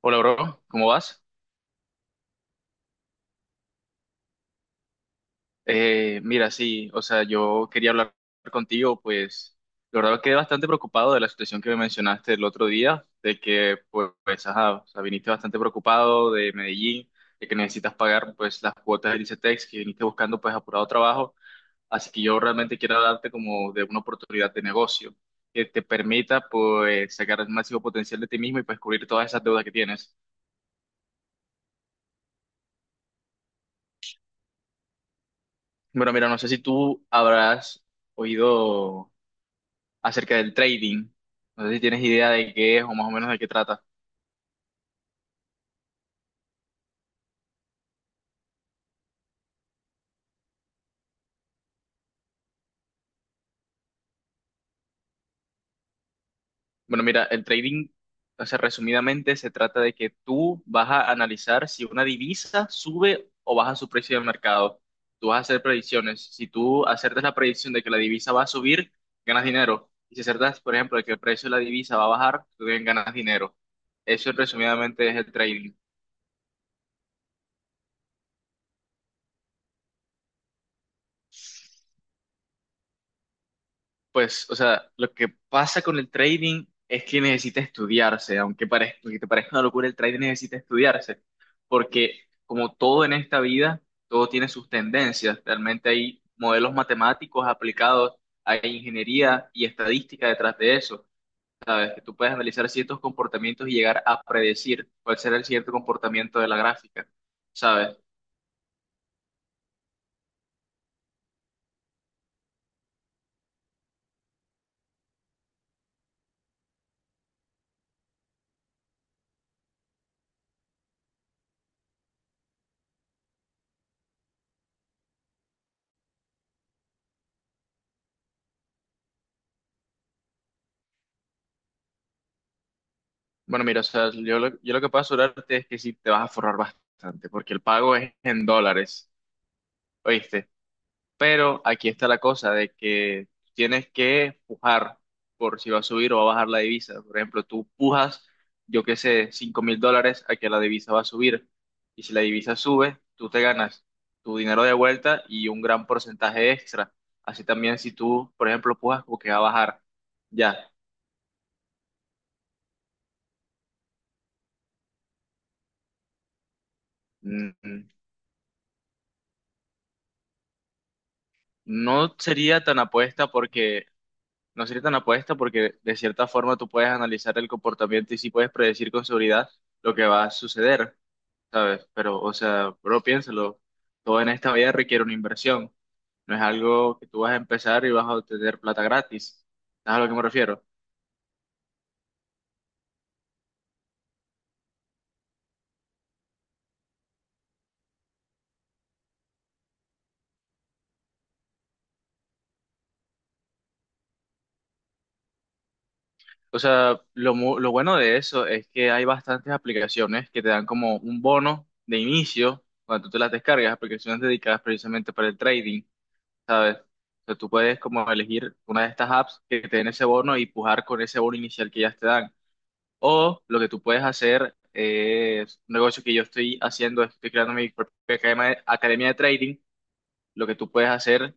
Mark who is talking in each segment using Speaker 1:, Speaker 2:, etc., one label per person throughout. Speaker 1: Hola, bro, ¿cómo vas? Mira, sí, o sea, yo quería hablar contigo, pues la verdad quedé bastante preocupado de la situación que me mencionaste el otro día, de que, pues, ajá, o sea, viniste bastante preocupado de Medellín, de que necesitas pagar, pues, las cuotas del ICETEX, que viniste buscando, pues, apurado trabajo, así que yo realmente quiero darte como de una oportunidad de negocio que te permita, pues, sacar el máximo potencial de ti mismo y, pues, cubrir todas esas deudas que tienes. Bueno, mira, no sé si tú habrás oído acerca del trading. No sé si tienes idea de qué es o más o menos de qué trata. Bueno, mira, el trading, o sea, resumidamente se trata de que tú vas a analizar si una divisa sube o baja su precio de mercado. Tú vas a hacer predicciones. Si tú acertas la predicción de que la divisa va a subir, ganas dinero. Y si acertas, por ejemplo, de que el precio de la divisa va a bajar, tú también ganas dinero. Eso resumidamente es el trading. Pues, o sea, lo que pasa con el trading es que necesita estudiarse, aunque aunque te parezca una locura, el trading necesita estudiarse, porque como todo en esta vida, todo tiene sus tendencias. Realmente hay modelos matemáticos aplicados, hay ingeniería y estadística detrás de eso. Es que tú puedes analizar ciertos comportamientos y llegar a predecir cuál será el cierto comportamiento de la gráfica, ¿sabes? Bueno, mira, o sea, yo lo que puedo asegurarte es que sí te vas a forrar bastante, porque el pago es en dólares. ¿Oíste? Pero aquí está la cosa de que tienes que pujar por si va a subir o va a bajar la divisa. Por ejemplo, tú pujas, yo qué sé, $5,000 a que la divisa va a subir. Y si la divisa sube, tú te ganas tu dinero de vuelta y un gran porcentaje extra. Así también si tú, por ejemplo, pujas como que va a bajar. Ya. Mm, mm, No sería tan apuesta porque, no sería tan apuesta porque de cierta forma tú puedes analizar el comportamiento y sí puedes predecir con seguridad lo que va a suceder. ¿Sabes? Pero, o sea, bro, piénsalo, todo en esta vida requiere una inversión. No es algo que tú vas a empezar y vas a obtener plata gratis. ¿Sabes a lo que me refiero? O sea, lo bueno de eso es que hay bastantes aplicaciones que te dan como un bono de inicio cuando tú te las descargas, aplicaciones dedicadas precisamente para el trading, ¿sabes? O sea, tú puedes como elegir una de estas apps que te den ese bono y pujar con ese bono inicial que ya te dan. O lo que tú puedes hacer es un negocio que yo estoy haciendo, estoy creando mi propia academia, academia de trading. Lo que tú puedes hacer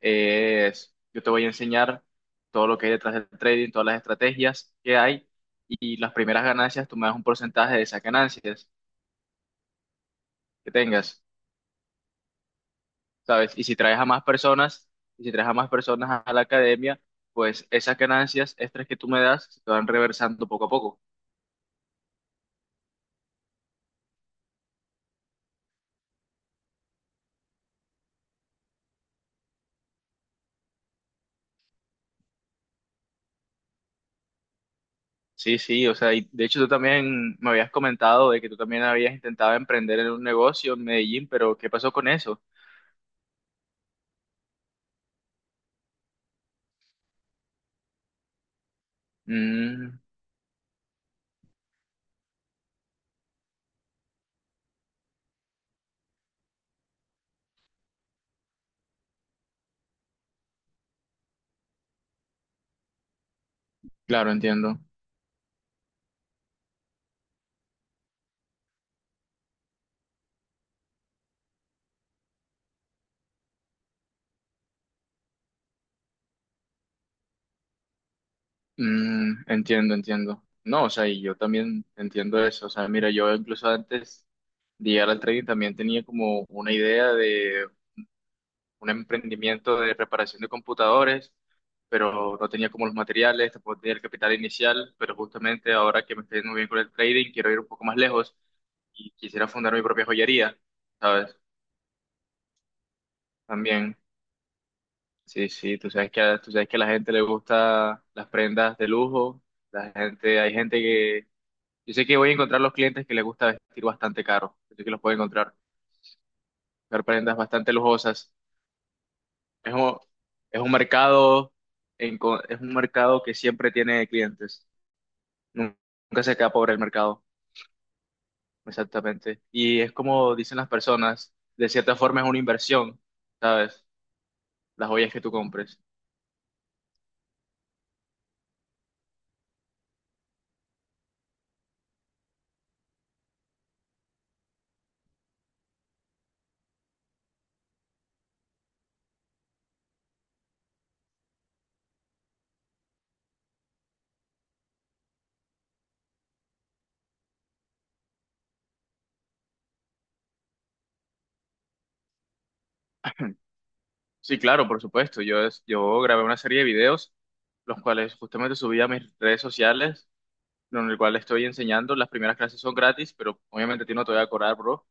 Speaker 1: es, yo te voy a enseñar todo lo que hay detrás del trading, todas las estrategias que hay y las primeras ganancias, tú me das un porcentaje de esas ganancias que tengas, ¿sabes? Y si traes a más personas a la academia, pues esas ganancias extras que tú me das se te van reversando poco a poco. Sí, sí, o sea, y de hecho tú también me habías comentado de que tú también habías intentado emprender en un negocio en Medellín, pero ¿qué pasó con eso? Mm, claro, entiendo. Mm, entiendo, entiendo. No, o sea, y yo también entiendo eso. O sea, mira, yo incluso antes de llegar al trading también tenía como una idea un emprendimiento de reparación de computadores, pero no tenía como los materiales, tampoco tenía el capital inicial, pero justamente ahora que me estoy yendo muy bien con el trading, quiero ir un poco más lejos y quisiera fundar mi propia joyería, ¿sabes? También, sí, sí, tú sabes que a la gente le gusta las prendas de lujo, la gente, hay gente que, yo sé que voy a encontrar los clientes que les gusta vestir bastante caro, yo sé que los puedo encontrar, ver prendas bastante lujosas. Es un, es un mercado, es un mercado que siempre tiene clientes. Nun- Nunca se queda pobre el mercado, exactamente. Y es como dicen las personas, de cierta forma es una inversión, ¿sabes? Las joyas que tú compres. Sí, claro, por supuesto. Yo grabé una serie de videos, los cuales justamente subí a mis redes sociales en el cual estoy enseñando. Las primeras clases son gratis, pero obviamente a ti no te voy a cobrar, bro.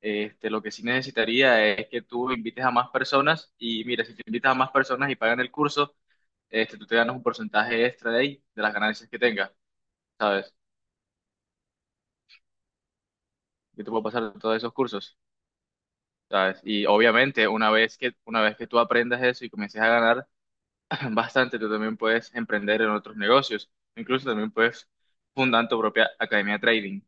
Speaker 1: Este, lo que sí necesitaría es que tú invites a más personas y mira, si te invitas a más personas y pagan el curso, este, tú te ganas un porcentaje extra de ahí, de las ganancias que tengas, ¿sabes? Yo te puedo pasar todos esos cursos, ¿sabes? Y obviamente una vez que tú aprendas eso y comiences a ganar bastante, tú también puedes emprender en otros negocios, incluso también puedes fundar tu propia academia de trading.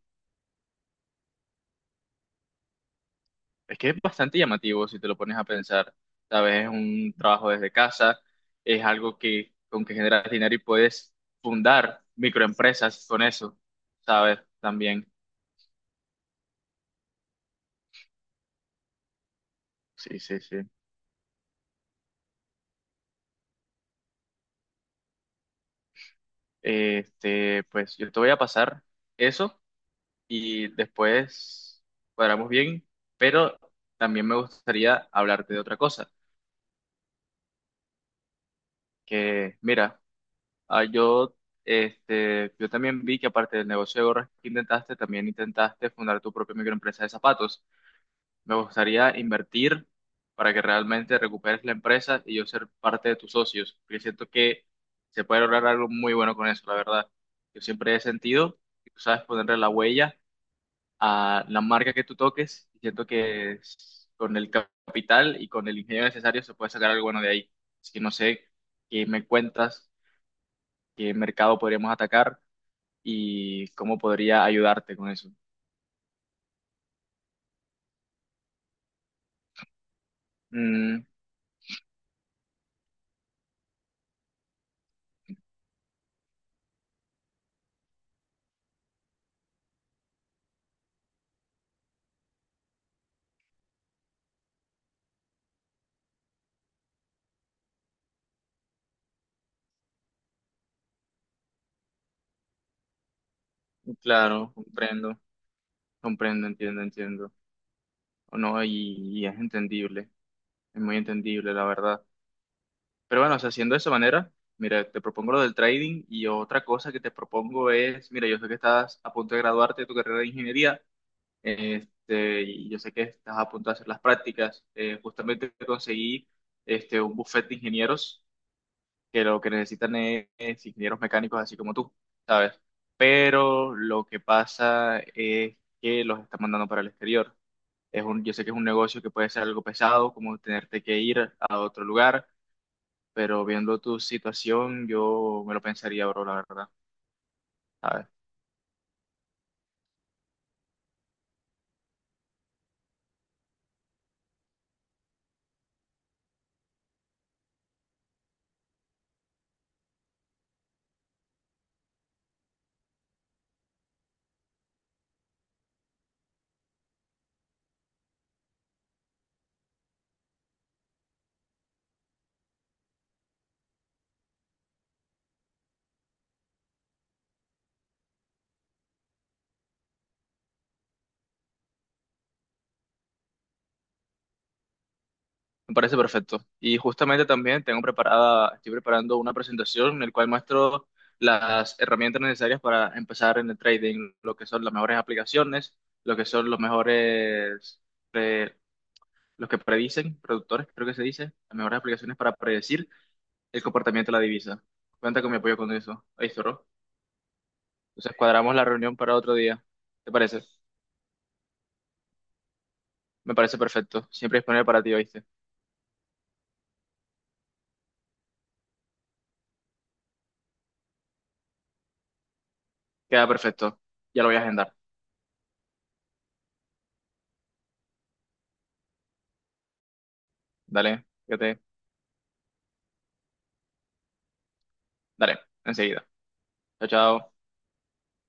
Speaker 1: Es que es bastante llamativo si te lo pones a pensar, ¿sabes? Es un trabajo desde casa, es algo que con que generas dinero y puedes fundar microempresas con eso, ¿sabes? También. Sí, sí, sí. Este, pues yo te voy a pasar eso y después cuadramos bien, pero también me gustaría hablarte de otra cosa, que mira, Ah, yo, este, yo también vi que aparte del negocio de gorras que intentaste, también intentaste fundar tu propia microempresa de zapatos. Me gustaría invertir para que realmente recuperes la empresa y yo ser parte de tus socios, porque siento que se puede lograr algo muy bueno con eso, la verdad. Yo siempre he sentido que tú sabes ponerle la huella a la marca que tú toques y siento que con el capital y con el ingenio necesario se puede sacar algo bueno de ahí. Así que no sé qué me cuentas, qué mercado podríamos atacar y cómo podría ayudarte con eso. Mm, claro, comprendo, comprendo, entiendo, entiendo. O no, y es entendible, es muy entendible, la verdad. Pero bueno, o sea, haciendo de esa manera, mira, te propongo lo del trading y otra cosa que te propongo es, mira, yo sé que estás a punto de graduarte de tu carrera de ingeniería, este, y yo sé que estás a punto de hacer las prácticas. Justamente conseguí este, un buffet de ingenieros que lo que necesitan es ingenieros mecánicos así como tú, ¿sabes? Pero lo que pasa es que los están mandando para el exterior. Yo sé que es un negocio que puede ser algo pesado, como tenerte que ir a otro lugar, pero viendo tu situación, yo me lo pensaría, bro, la verdad, ¿sabes? Me parece perfecto. Y justamente también tengo preparada, estoy preparando una presentación en la cual muestro las herramientas necesarias para empezar en el trading, lo que son las mejores aplicaciones, lo que son los mejores, eh, los que predicen, productores, creo que se dice, las mejores aplicaciones para predecir el comportamiento de la divisa. Cuenta con mi apoyo con eso. Ahí, zorro. Entonces cuadramos la reunión para otro día. ¿Te parece? Me parece perfecto. Siempre disponible para ti, ¿oíste? Queda perfecto. Ya lo voy a agendar. Dale, fíjate. Dale, enseguida. Chao, chao.